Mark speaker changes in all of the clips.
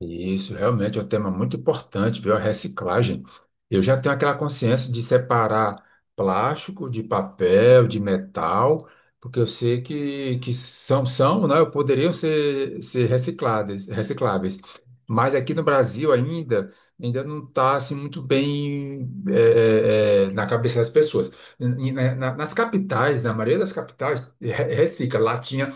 Speaker 1: Isso, realmente é um tema muito importante, viu? A reciclagem. Eu já tenho aquela consciência de separar plástico de papel, de metal, porque eu sei que são, né? Poderiam ser, ser recicladas, recicláveis. Mas aqui no Brasil ainda, ainda não está assim, muito bem na cabeça das pessoas. E nas capitais, na maioria das capitais, recicla latinha.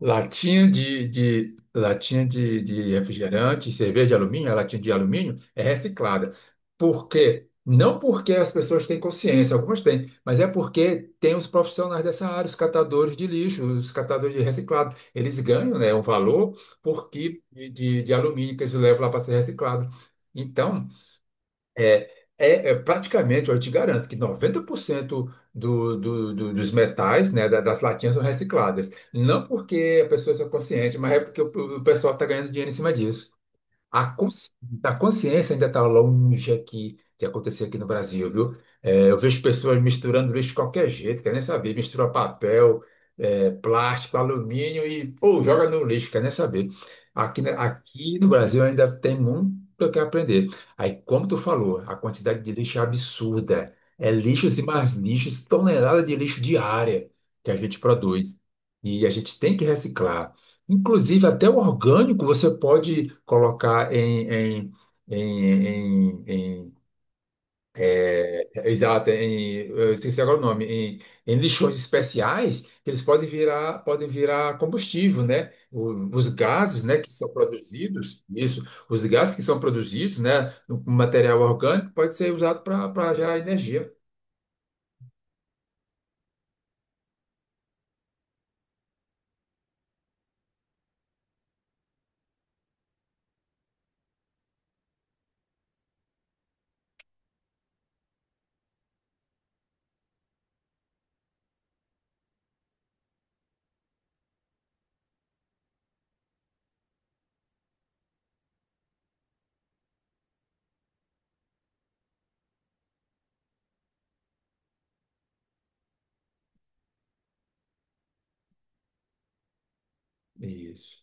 Speaker 1: Latinha de refrigerante, cerveja de alumínio, a latinha de alumínio é reciclada. Por quê? Não porque as pessoas têm consciência, algumas têm, mas é porque tem os profissionais dessa área, os catadores de lixo, os catadores de reciclado. Eles ganham, né, um valor por quilo de alumínio que eles levam lá para ser reciclado. Então, é, é praticamente, eu te garanto que 90% dos metais, né, das latinhas são recicladas. Não porque a pessoa é consciente, mas é porque o pessoal está ganhando dinheiro em cima disso. A, consci- a consciência ainda está longe aqui de acontecer aqui no Brasil, viu? É, eu vejo pessoas misturando lixo de qualquer jeito, quer nem saber, mistura papel, plástico, alumínio e, pô, joga no lixo, quer nem saber. Aqui, aqui no Brasil ainda tem muito o que aprender. Aí, como tu falou, a quantidade de lixo é absurda. É lixos e mais lixos, tonelada de lixo diária que a gente produz. E a gente tem que reciclar. Inclusive, até o orgânico você pode colocar em, em, em- exato, eu esqueci agora o nome, em, em lixões especiais, que eles podem virar combustível, né? Os gases, né, que são produzidos, isso, os gases que são produzidos, né, no material orgânico pode ser usado para gerar energia. Isso,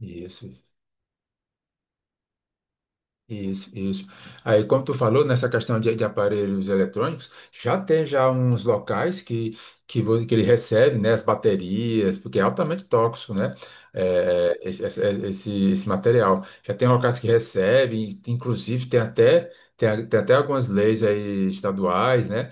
Speaker 1: isso. Isso, isso. Aí, como tu falou, nessa questão de aparelhos eletrônicos, já tem já uns locais que ele recebe, né, as baterias, porque é altamente tóxico, né, esse material. Já tem locais que recebem, inclusive tem até, tem, tem até algumas leis aí estaduais, né,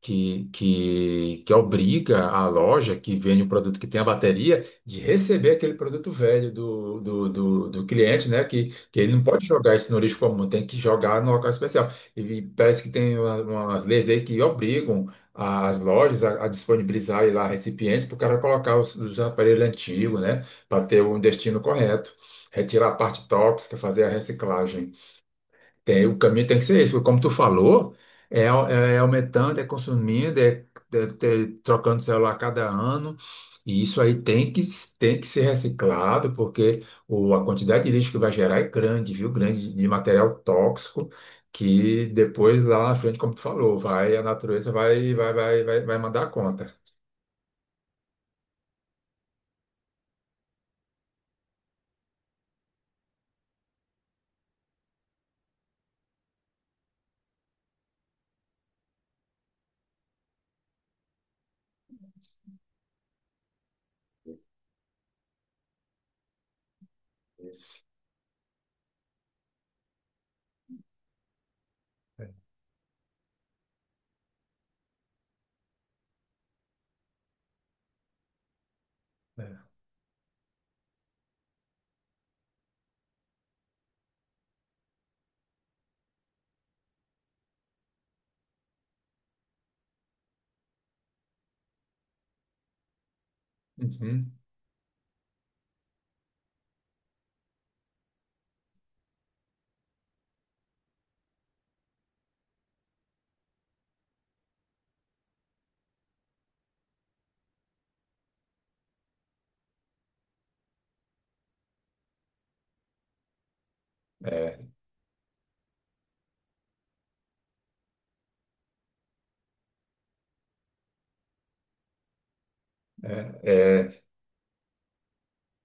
Speaker 1: que obriga a loja que vende o produto que tem a bateria de receber aquele produto velho do cliente, né? Que ele não pode jogar isso no lixo comum, tem que jogar no local especial. E parece que tem umas leis aí que obrigam as lojas a disponibilizar aí lá recipientes para o cara colocar os aparelhos antigos, né? Para ter um destino correto. Retirar a parte tóxica, fazer a reciclagem. Tem, o caminho tem que ser esse, porque como tu falou, é, é aumentando, é consumindo, é trocando celular a cada ano, e isso aí tem que, tem que ser reciclado, porque a quantidade de lixo que vai gerar é grande, viu? Grande de material tóxico, que depois lá na frente, como tu falou, vai, a natureza vai mandar a conta. Isso. É, é. Uhum. É, é,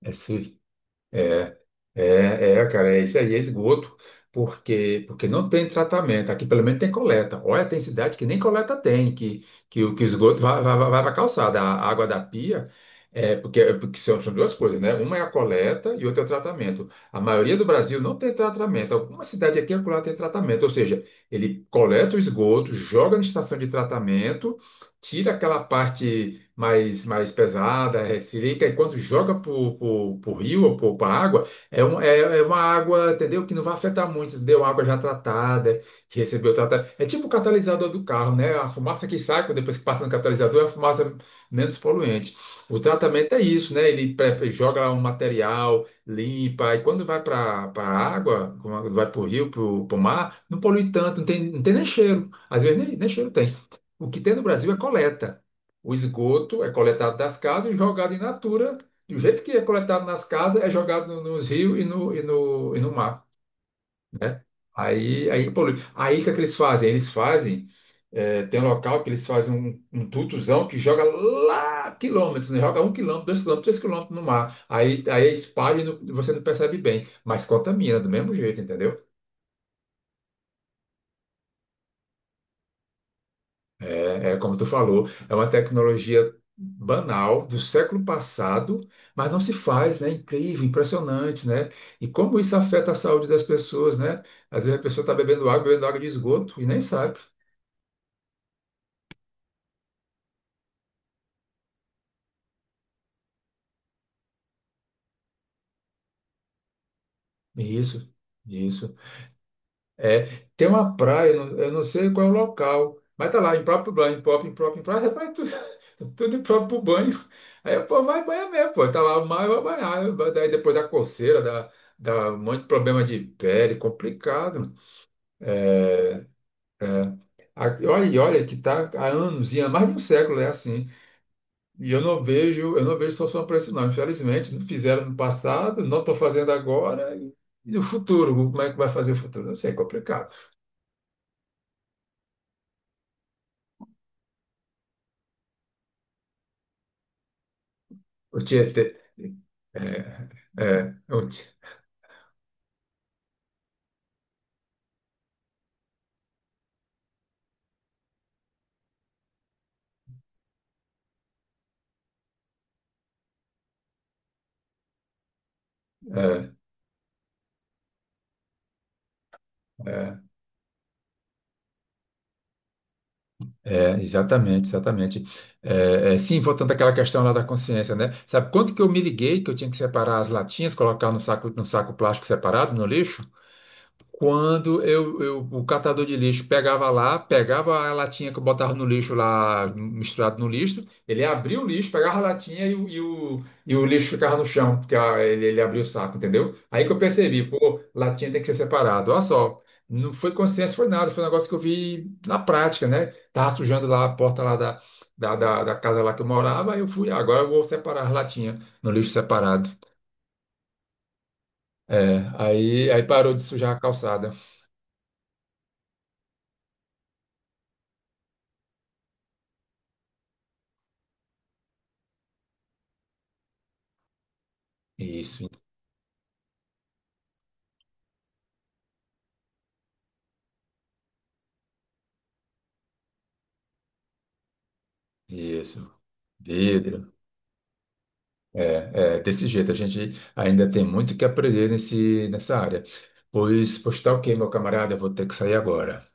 Speaker 1: é. É, é, cara, é isso aí, é esgoto, porque não tem tratamento. Aqui pelo menos tem coleta. Olha, tem cidade que nem coleta tem, o que o esgoto vai, vai para a calçada. A água da pia, é, porque são, são duas coisas, né? Uma é a coleta e outra é o tratamento. A maioria do Brasil não tem tratamento. Alguma cidade aqui e acolá tem tratamento, ou seja, ele coleta o esgoto, joga na estação de tratamento, tira aquela parte mais, mais pesada, resseca, e quando joga para o rio ou para a água. É, é uma água, entendeu? Que não vai afetar muito, entendeu? Água já tratada, que recebeu tratamento. É tipo o catalisador do carro, né? A fumaça que sai depois que passa no catalisador é a fumaça menos poluente. O tratamento é isso, né? Ele joga lá um material, limpa, e quando vai para a água, quando vai para o rio, para o mar, não polui tanto, não tem, não tem nem cheiro. Às vezes nem, nem cheiro tem. O que tem no Brasil é coleta. O esgoto é coletado das casas e jogado em natura do jeito que é coletado nas casas, é jogado nos rios e no mar. Aí, aí, polui. Aí, o que é que eles fazem? Eles fazem, é, tem um local que eles fazem um tutuzão que joga lá quilômetros, né? Joga um quilômetro, dois quilômetros, três quilômetros no mar. Aí, aí é espalha e você não percebe bem, mas contamina do mesmo jeito, entendeu? É como tu falou, é uma tecnologia banal do século passado, mas não se faz, né? Incrível, impressionante, né? E como isso afeta a saúde das pessoas, né? Às vezes a pessoa está bebendo água de esgoto e nem sabe. Isso, isso. É, tem uma praia, eu não sei qual é o local, mas tá lá, impróprio banho, impróprio, impróprio, impróprio, rapaz, tudo, tudo impróprio pro banho. Aí, pô, vai banhar mesmo, pô, tá lá o mar, vai banhar. Daí depois da coceira, dá, dá um monte de problema de pele, complicado. É, é. E olha, e olha que está há anos, e há mais de um século é assim. E eu não vejo solução para isso, não. Infelizmente, não fizeram no passado, não estou fazendo agora. E no futuro, como é que vai fazer o futuro? Não sei, é complicado. O Tietê, é, é, é, exatamente, exatamente. É, é, sim, voltando àquela questão lá da consciência, né? Sabe quanto que eu me liguei que eu tinha que separar as latinhas, colocar no saco, no saco plástico separado, no lixo? Quando o catador de lixo pegava lá, pegava a latinha que eu botava no lixo lá, misturado no lixo, ele abria o lixo, pegava a latinha e o e o lixo ficava no chão, porque ah, ele abria o saco, entendeu? Aí que eu percebi, pô, latinha tem que ser separado. Olha só, não foi consciência, foi nada, foi um negócio que eu vi na prática, né? Tava sujando lá a porta lá da casa lá que eu morava, aí eu fui, "Ah, agora eu vou separar as latinhas no lixo separado." É, aí parou de sujar a calçada. Isso, isso. Vidro, é, é, desse jeito, a gente ainda tem muito que aprender nessa área. Pois, pois tá ok, meu camarada, eu vou ter que sair agora.